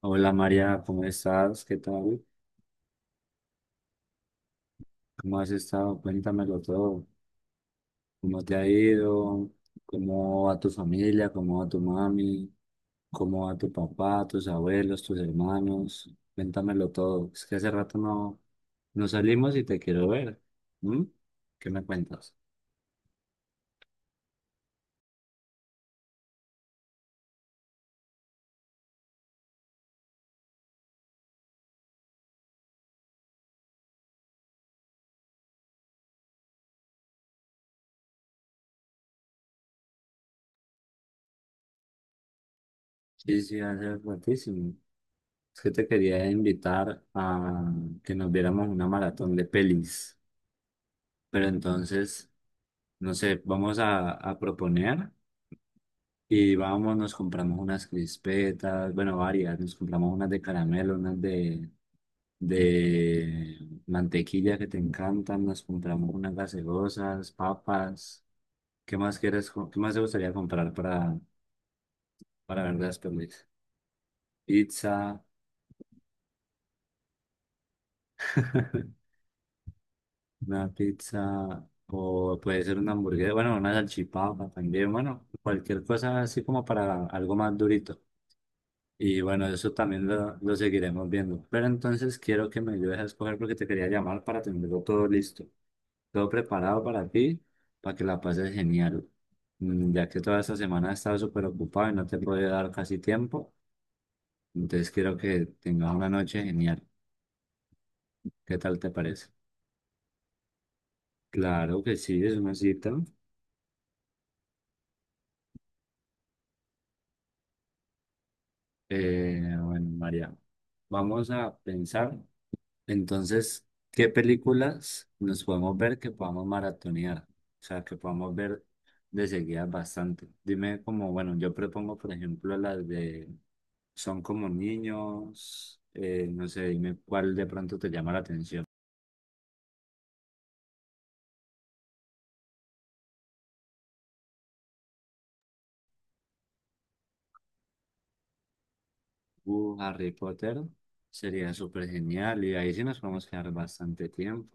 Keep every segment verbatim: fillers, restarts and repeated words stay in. Hola María, ¿cómo estás? ¿Qué tal? ¿Cómo has estado? Cuéntamelo todo. ¿Cómo te ha ido? ¿Cómo va tu familia? ¿Cómo va tu mami? ¿Cómo va tu papá, tus abuelos, tus hermanos? Cuéntamelo todo. Es que hace rato no, no salimos y te quiero ver. ¿Mm? ¿Qué me cuentas? Sí, sí, hace ratísimo. Es que te quería invitar a que nos viéramos una maratón de pelis. Pero entonces, no sé, vamos a, a proponer. Y vamos, nos compramos unas crispetas, bueno, varias, nos compramos unas de caramelo, unas de, de mantequilla que te encantan, nos compramos unas gaseosas, papas. ¿Qué más quieres, co- qué más te gustaría comprar para, para ver las pelis? Pizza, una pizza, o puede ser una hamburguesa, bueno, una salchipapa también, bueno, cualquier cosa así como para algo más durito. Y bueno, eso también lo, lo seguiremos viendo. Pero entonces quiero que me ayudes a escoger porque te quería llamar para tenerlo todo listo, todo preparado para ti, para que la pases genial. Mm, ya que toda esta semana he estado súper ocupado y no te he podido dar casi tiempo, entonces quiero que tengas una noche genial. ¿Qué tal te parece? Claro que sí, es una cita. Eh, bueno, María, vamos a pensar. Entonces, ¿qué películas nos podemos ver que podamos maratonear? O sea, que podamos ver de seguida bastante. Dime como, bueno, yo propongo, por ejemplo, las de Son como niños, eh, no sé, dime cuál de pronto te llama la atención. Uh, Harry Potter sería súper genial y ahí sí nos podemos quedar bastante tiempo.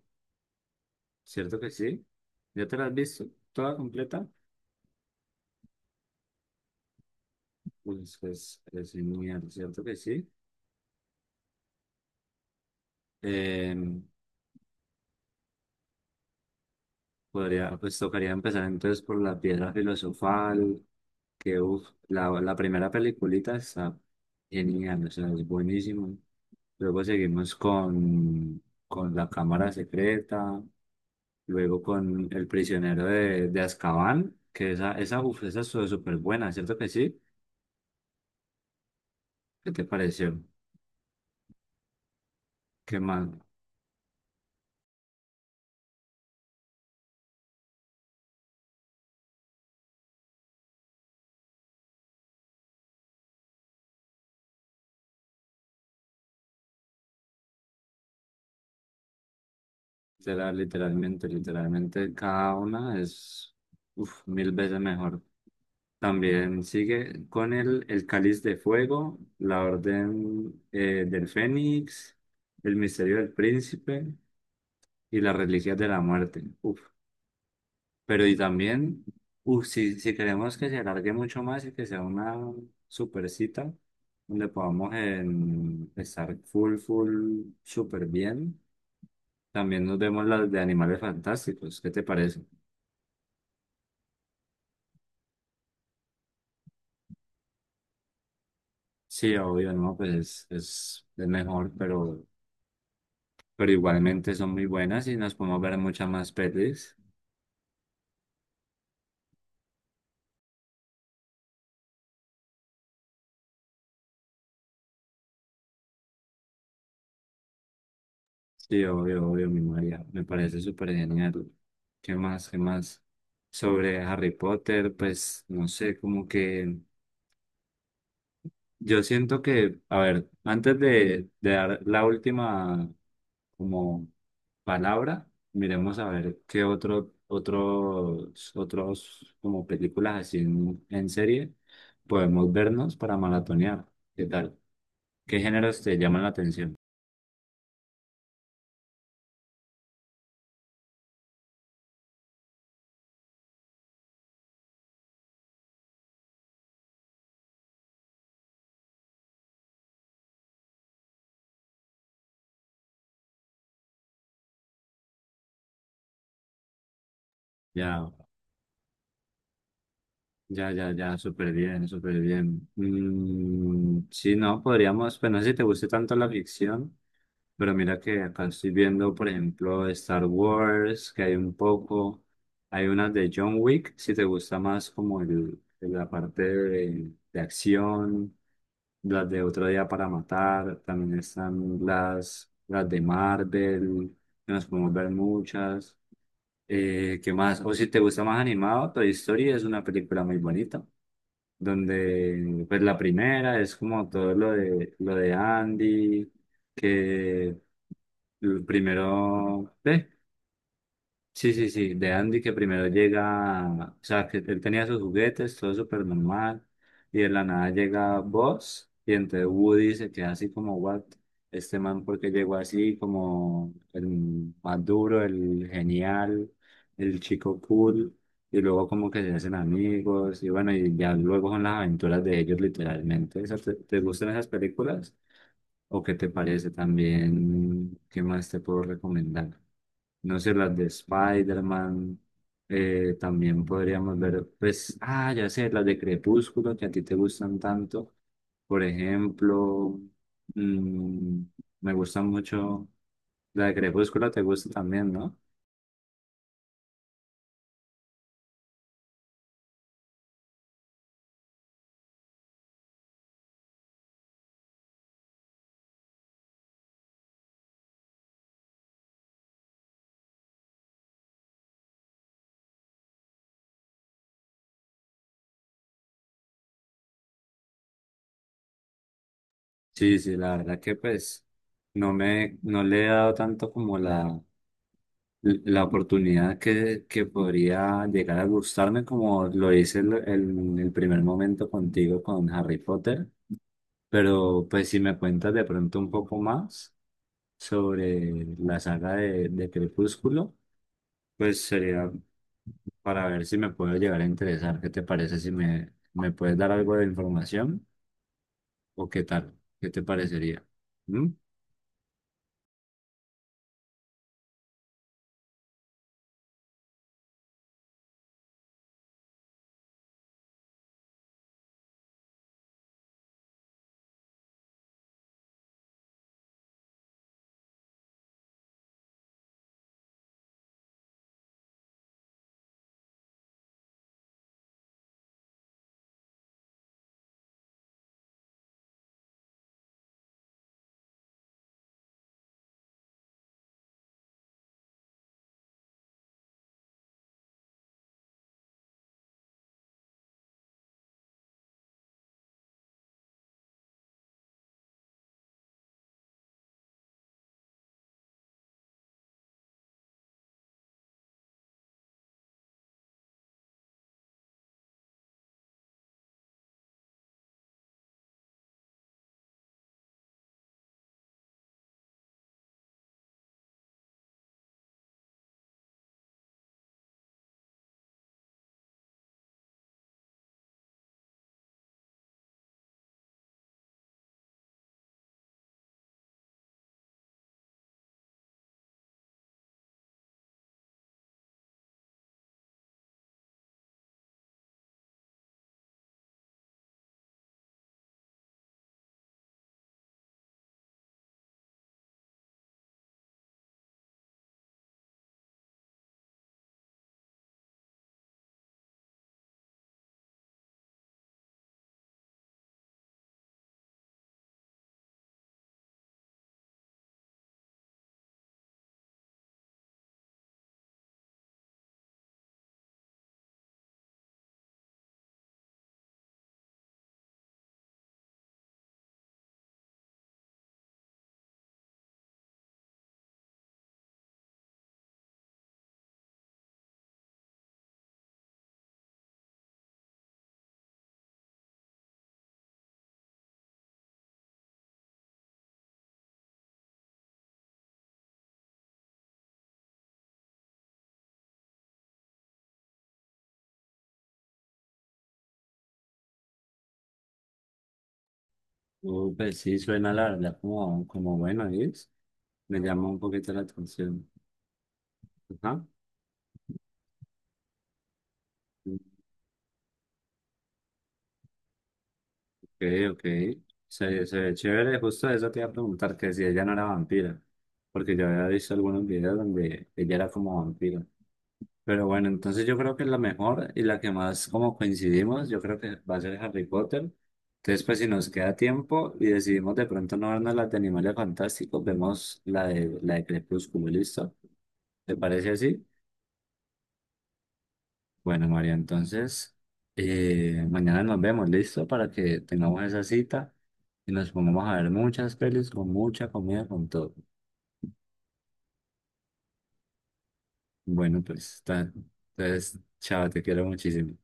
¿Cierto que sí? ¿Ya te la has visto toda completa? Pues es, es genial, ¿cierto que sí? Em, Podría, pues tocaría empezar entonces por la piedra filosofal, que uf, la, la primera peliculita está genial, o sea, es buenísimo. Luego seguimos con, con la cámara secreta, luego con el prisionero de, de Azkaban, que esa, esa, uf, esa estuvo súper buena, ¿cierto que sí? ¿Qué te pareció? Qué mal, literal- literalmente, literalmente cada una es uf, mil veces mejor. También sigue con el, el Cáliz de Fuego, la Orden eh, del Fénix, el Misterio del Príncipe y las Reliquias de la Muerte. Uf. Pero y también, uf, si, si queremos que se alargue mucho más y que sea una super cita, donde podamos em, estar full, full, súper bien, también nos vemos las de Animales Fantásticos. ¿Qué te parece? Sí, obvio, no, pues es, es es mejor, pero... pero igualmente son muy buenas y nos podemos ver muchas más pelis. Sí, obvio, obvio, mi María, me parece súper genial. ¿Qué más? ¿Qué más? Sobre Harry Potter, pues no sé, como que yo siento que, a ver, antes de, de dar la última como palabra, miremos a ver qué otro, otros, otros como películas así en, en serie podemos vernos para maratonear. ¿Qué tal? ¿Qué géneros te llaman la atención? Ya, ya, ya, ya, súper bien, súper bien. Mm, sí, no, podríamos, pues no sé si te guste tanto la ficción, pero mira que acá estoy viendo, por ejemplo, Star Wars, que hay un poco, hay unas de John Wick, si te gusta más como el, el- la parte de, de acción, las de Otro Día para Matar, también están las, las de Marvel, que nos podemos ver muchas. Eh, ¿qué más? O si te gusta más animado, Toy Story es una película muy bonita, donde pues la primera es como todo lo de, lo de Andy, que primero, ¿eh? Sí, sí, sí, de Andy que primero llega, o sea, que él tenía sus juguetes, todo súper normal, y de la nada llega Buzz, y entonces Woody se queda así como, what, este man porque llegó así como el más duro, el genial, el chico cool, y luego como que se hacen amigos y bueno, y ya luego son las aventuras de ellos literalmente. O ¿te, te gustan esas películas? ¿O qué te parece también? ¿Qué más te puedo recomendar? No sé, las de Spider-Man, eh, también podríamos ver, pues, ah, ya sé, las de Crepúsculo que a ti te gustan tanto. Por ejemplo, mm, me gusta mucho la de Crepúsculo, te gusta también, ¿no? Sí, sí, la verdad que pues no me, no le he dado tanto como la, la oportunidad que, que podría llegar a gustarme como lo hice en el, en el primer momento contigo con Harry Potter, pero pues si me cuentas de pronto un poco más sobre la saga de, de Crepúsculo, pues sería para ver si me puedo llegar a interesar. ¿Qué te parece si me, me puedes dar algo de información o qué tal? ¿Qué te parecería? ¿Mm? Uh, pues sí, suena la verdad como, como bueno, es. Me llama un poquito la atención. Ajá. Ok, ok. Se, se ve chévere. Justo eso te iba a preguntar, que si ella no era vampira. Porque yo había visto algunos videos donde ella era como vampira. Pero bueno, entonces yo creo que la mejor y la que más como coincidimos, yo creo que va a ser Harry Potter. Entonces, pues si nos queda tiempo y decidimos de pronto no vernos la de Animales Fantásticos, vemos la de, la de Crepúsculo, ¿listo? ¿Te parece así? Bueno, María, entonces eh, mañana nos vemos, ¿listo? Para que tengamos esa cita y nos pongamos a ver muchas pelis con mucha comida, con todo. Bueno, pues, ta- entonces, chao, te quiero muchísimo.